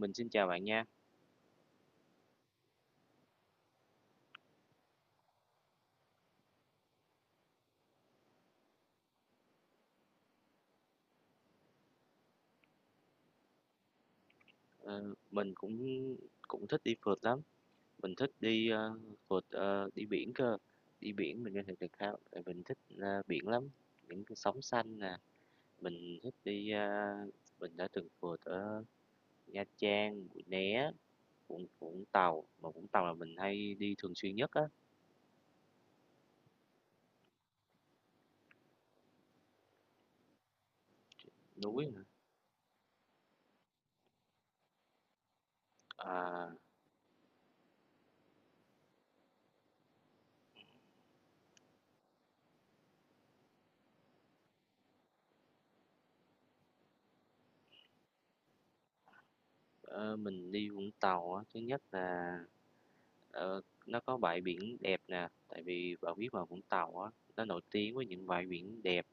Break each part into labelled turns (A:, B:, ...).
A: Mình xin chào bạn nha. Ờ, mình cũng cũng thích đi phượt lắm, mình thích đi, ơ, phượt, ờ, đi biển cơ. Đi biển mình có thể được khá tại mình thích, a, biển lắm, những cái sóng xanh nè, mình thích đi, a mình đã từng phượt ở Nha Trang, Mũi Né, Vũng Vũng Tàu, mà Vũng Tàu là mình hay đi thường xuyên nhất á. Núi nè, à. Ờ, mình đi Vũng Tàu á, thứ nhất là, ờ, nó có bãi biển đẹp nè, tại vì bạn biết mà Vũng Tàu á, nó nổi tiếng với những bãi biển đẹp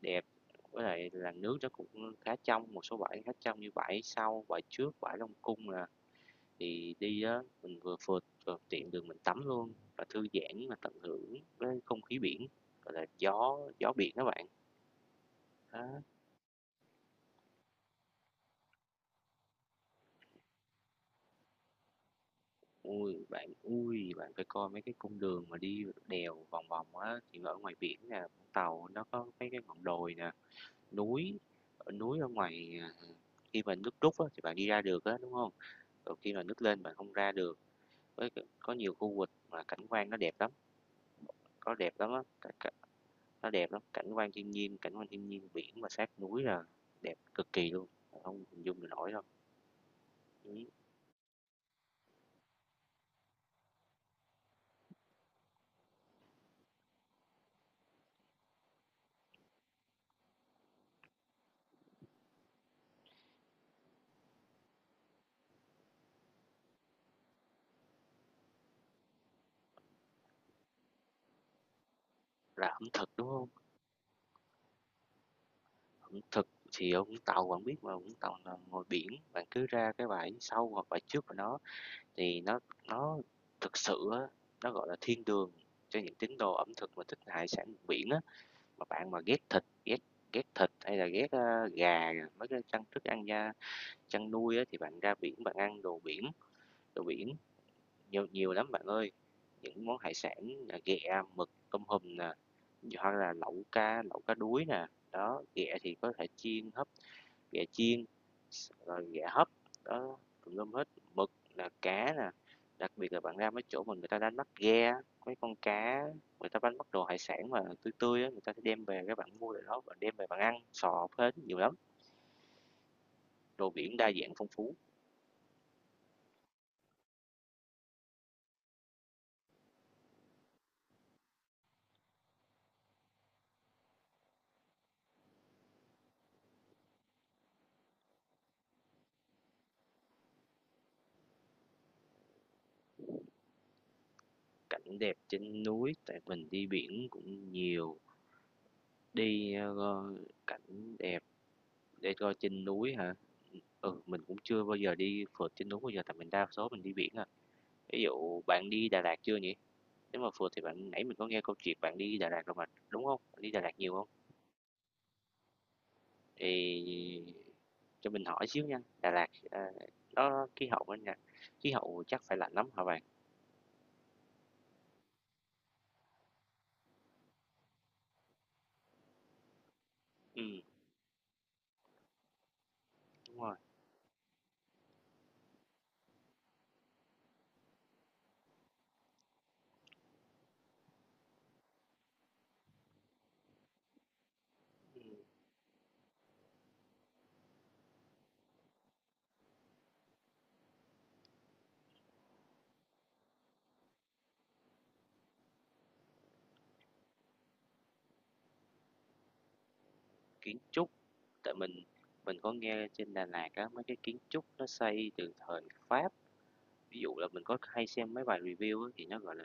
A: đẹp, với lại là nước nó cũng khá trong, một số bãi khá trong như bãi sau, bãi trước, bãi Long Cung nè. Thì đi á, mình vừa phượt vừa tiện đường mình tắm luôn và thư giãn mà tận hưởng với không khí biển, gọi là gió gió biển các bạn, đó. Ui bạn, ui, bạn phải coi mấy cái cung đường mà đi đèo vòng vòng á, thì ở ngoài biển nè, Vũng Tàu nó có mấy cái ngọn đồi nè, núi, núi ở ngoài à, khi mà nước rút á, thì bạn đi ra được á, đúng không? Còn khi mà nước lên bạn không ra được. Có nhiều khu vực mà cảnh quan nó đẹp lắm, có đẹp lắm á, cả, cả, nó đẹp lắm, cảnh quan thiên nhiên, biển mà sát núi là đẹp cực kỳ luôn, không hình dung được nổi đâu. Ừ. Là ẩm thực đúng không? Thực thì ở Vũng Tàu bạn biết mà, Vũng Tàu là ngồi biển, bạn cứ ra cái bãi sau hoặc bãi trước của nó thì nó thực sự á, nó, gọi là, thiên đường cho những tín đồ ẩm thực mà thích hải sản vùng biển á. Mà bạn mà ghét thịt, ghét ghét thịt hay là ghét, a, gà, mấy cái chăn thức ăn da chăn nuôi á, thì bạn ra biển bạn ăn đồ biển nhiều nhiều lắm bạn ơi. Những món hải sản là ghẹ, mực, tôm hùm nè, hoặc là lẩu cá đuối nè, đó, ghẹ thì có thể chiên, hấp, ghẹ chiên, rồi ghẹ hấp, đó, tùm lum hết. Mực, là cá nè, đặc biệt là bạn ra mấy chỗ mà người ta đánh bắt ghe, mấy con cá người ta đánh bắt đồ hải sản mà tươi tươi á, người ta sẽ đem về, các bạn mua lại đó, bạn đem về bạn ăn sò hết, nhiều lắm, đồ biển đa dạng phong phú. Cảnh đẹp trên núi tại mình đi biển cũng nhiều, đi, ờ, cảnh đẹp để coi trên núi hả? Ừ, mình cũng chưa bao giờ đi phượt trên núi bao giờ, tại mình đa số mình đi biển à. Ví dụ bạn đi Đà Lạt chưa nhỉ? Nếu mà phượt thì bạn nãy mình có nghe câu chuyện bạn đi Đà Lạt rồi mà, đúng không? Bạn đi Đà Lạt nhiều không? Thì cho mình hỏi xíu nha, Đà Lạt, ờ, nó khí hậu bên nha, khí hậu chắc phải lạnh lắm hả bạn? Ừ, đúng rồi. Kiến trúc, tại mình có nghe trên Đà Lạt á, mấy cái kiến trúc nó xây từ thời Pháp, ví dụ là mình có hay xem mấy bài review á, thì nó, gọi là,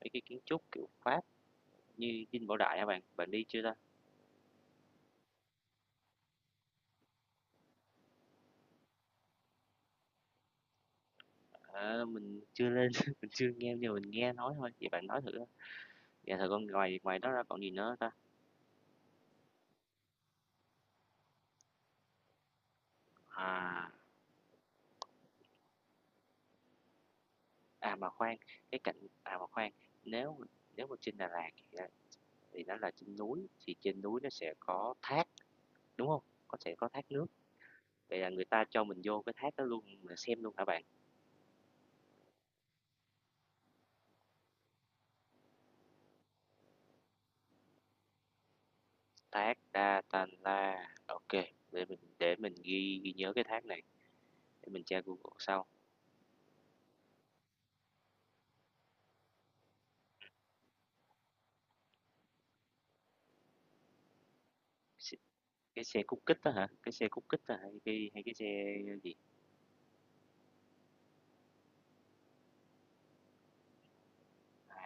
A: mấy cái kiến trúc kiểu Pháp như Dinh Bảo Đại hả bạn? Bạn đi chưa ta? À, mình chưa lên, mình chưa nghe nhưng mà mình nghe nói thôi, vậy bạn nói thử. Dạ thật không, ngoài ngoài đó ra còn gì nữa hông ta? À, à, mà khoan, cái cạnh, à, mà khoan, nếu nếu mà trên Đà Lạt thì, à, thì nó là trên núi, thì trên núi nó sẽ có thác, đúng không? Có sẽ có thác nước, vậy là người ta cho mình vô cái thác đó luôn mình xem luôn hả bạn? Thác Datanla, la ok. Để mình ghi ghi nhớ cái thác này, để mình tra Google sau. X cái xe Cút kích đó hả? Cái xe Cút Kít hay cái xe gì? À.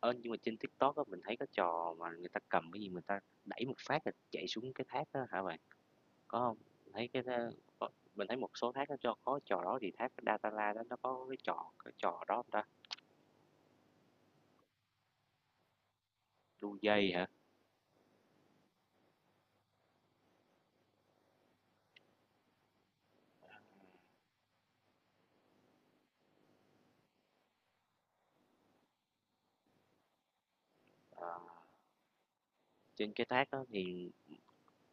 A: Ơ, nhưng mà trên TikTok á, mình thấy có trò mà người ta cầm cái gì người ta đẩy một phát là chạy xuống cái thác đó hả bạn? Có không? Mình thấy cái đó có, mình thấy một số thác nó cho có trò đó, thì thác datala đó nó có cái trò đó hông ta? Đu dây hả? Ờ, trên cái thác đó thì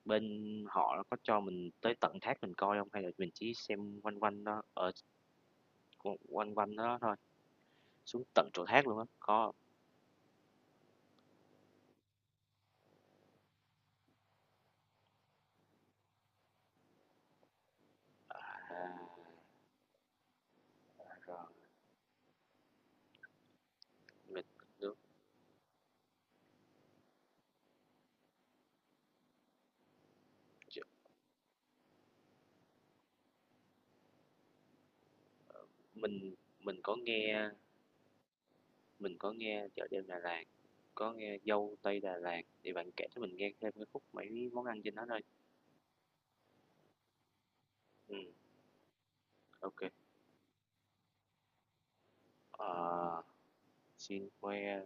A: bên họ nó có cho mình tới tận thác mình coi không? Hay là mình chỉ xem quanh quanh đó, ở quanh quanh đó thôi, xuống tận chỗ thác luôn á, có hông? À, rồi, mình đúng, ch mình mình có nghe. Mình có nghe Chợ Đêm Đà Lạt, có nghe Dâu Tây Đà Lạt, thì bạn kể cho mình nghe thêm cái khúc mấy món ăn trên đó thôi. Ừ, ok, kê. Ờ, xin khoe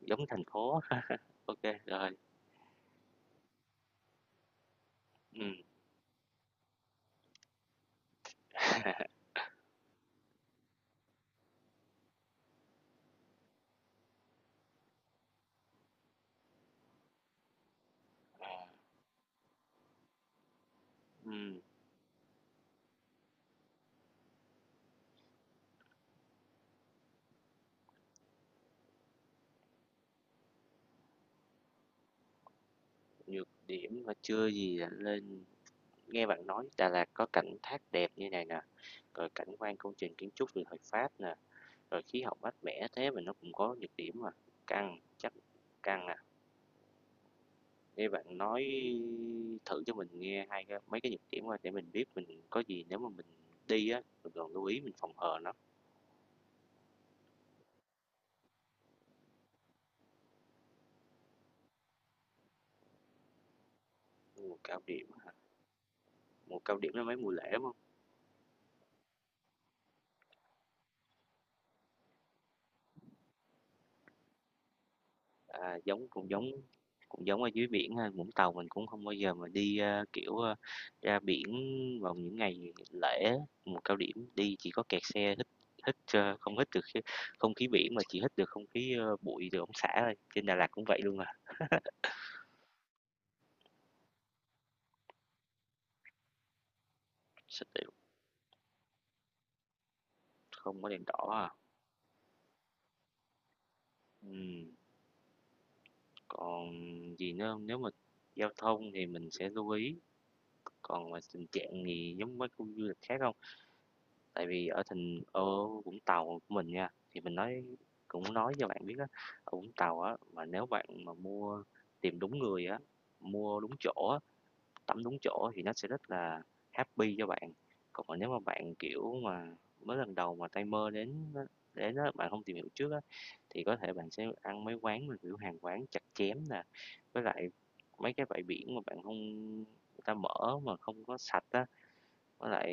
A: giống thành phố. Ok, rồi. Ừ, ừ. Nhược điểm mà chưa gì là lên nghe bạn nói Đà Lạt có cảnh thác đẹp như này nè, rồi cảnh quan công trình kiến trúc từ thời Pháp nè, rồi khí hậu mát mẻ thế mà nó cũng có nhược điểm mà, căng, chắc căng à. Nghe bạn nói thử cho mình nghe hai cái mấy cái nhược điểm qua để mình biết mình có gì nếu mà mình đi á, mình còn lưu ý mình phòng hờ nó. Mùa cao điểm, mùa cao điểm là mấy mùa lễ đúng hông? À, giống cũng giống ở dưới biển ha, Vũng Tàu mình cũng không bao giờ mà đi, a, kiểu, a, ra biển vào những ngày lễ, mùa cao điểm, đi chỉ có kẹt xe, hít hít, ơ, không hít được khí, không khí biển mà chỉ hít được không khí, ơ, bụi từ ống xả thôi. Trên Đà Lạt cũng vậy luôn à. Sao tiểu- Không có đèn đỏ à. Ừm. Còn gì nữa hông? Nếu mà giao thông thì mình sẽ lưu ý, còn mà tình trạng thì giống mấy khu du lịch khác không? Tại vì ở thành ở Vũng Tàu của mình nha, thì mình nói cũng nói cho bạn biết á, ở Vũng Tàu á, mà nếu bạn mà mua, tìm đúng người á, mua đúng chỗ á, tắm đúng chỗ thì nó sẽ rất là happy cho bạn. Còn nếu mà bạn, kiểu mà, mới lần đầu mà tay mơ đến á, bạn không tìm hiểu trước á, thì có thể bạn sẽ ăn mấy quán mà, kiểu, hàng quán chặt chém nè, với lại mấy cái bãi biển mà bạn không, người ta mở mà không có sạch á, với lại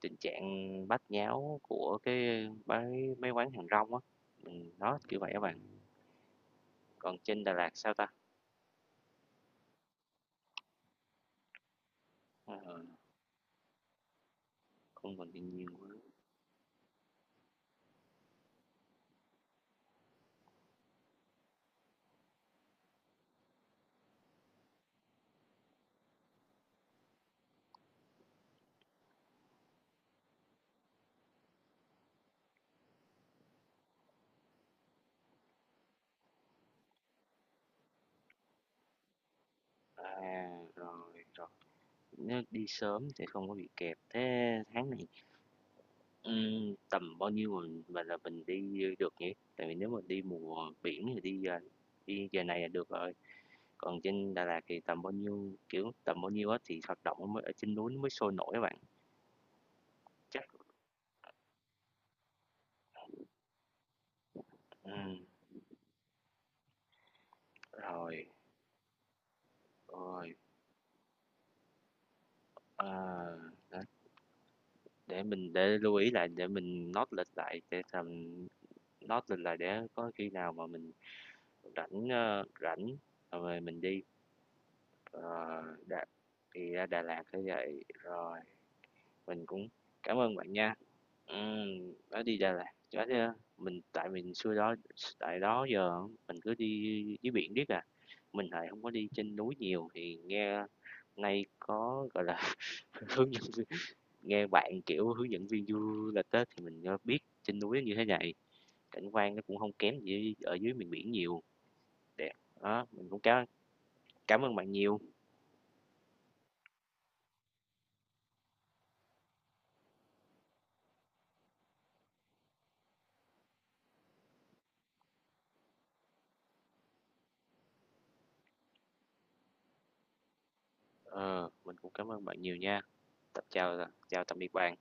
A: tình trạng bát nháo của cái bái mấy quán hàng rong á. Đó, kiểu vậy các bạn. Còn trên Đà Lạt sao ta? Ờ, không còn thiên nhiên quá. À, rồi, rồi. Nếu đi sớm để không có bị kẹt. Thế tháng này, tầm bao nhiêu mình mà là mình đi được nhỉ? Tại vì nếu mà đi mùa biển thì đi giờ này là được rồi. Còn trên Đà Lạt thì kiểu, tầm bao nhiêu á thì hoạt động mới ở trên núi nó mới sôi nổi các bạn. Chắc ừm, rồi, rồi, ờ, đó, để mình để lưu ý lại để mình note lịch lại, để tầm note lịch lại để có khi nào mà mình rảnh rồi mình đi. Ờ, Đà thì ra Đà Lạt phải vậy, rồi mình cũng cảm ơn bạn nha. Nói đi Đà Lạt, nói ra mình, tại mình xưa đó, tại đó giờ mình cứ đi dưới biển riết à, mình lại không có đi trên núi nhiều, thì nghe nay có, gọi là, hướng dẫn viên, nghe bạn, kiểu, hướng dẫn viên du lịch á thì mình, ơ, biết trên núi như thế này, cảnh quan nó cũng không kém gì ở dưới miền biển nhiều, đẹp. Đó, mình cũng cảm cảm ơn bạn nhiều, ờ, mình cũng cảm ơn bạn nhiều nha. Tập chào chào tạm biệt bạn.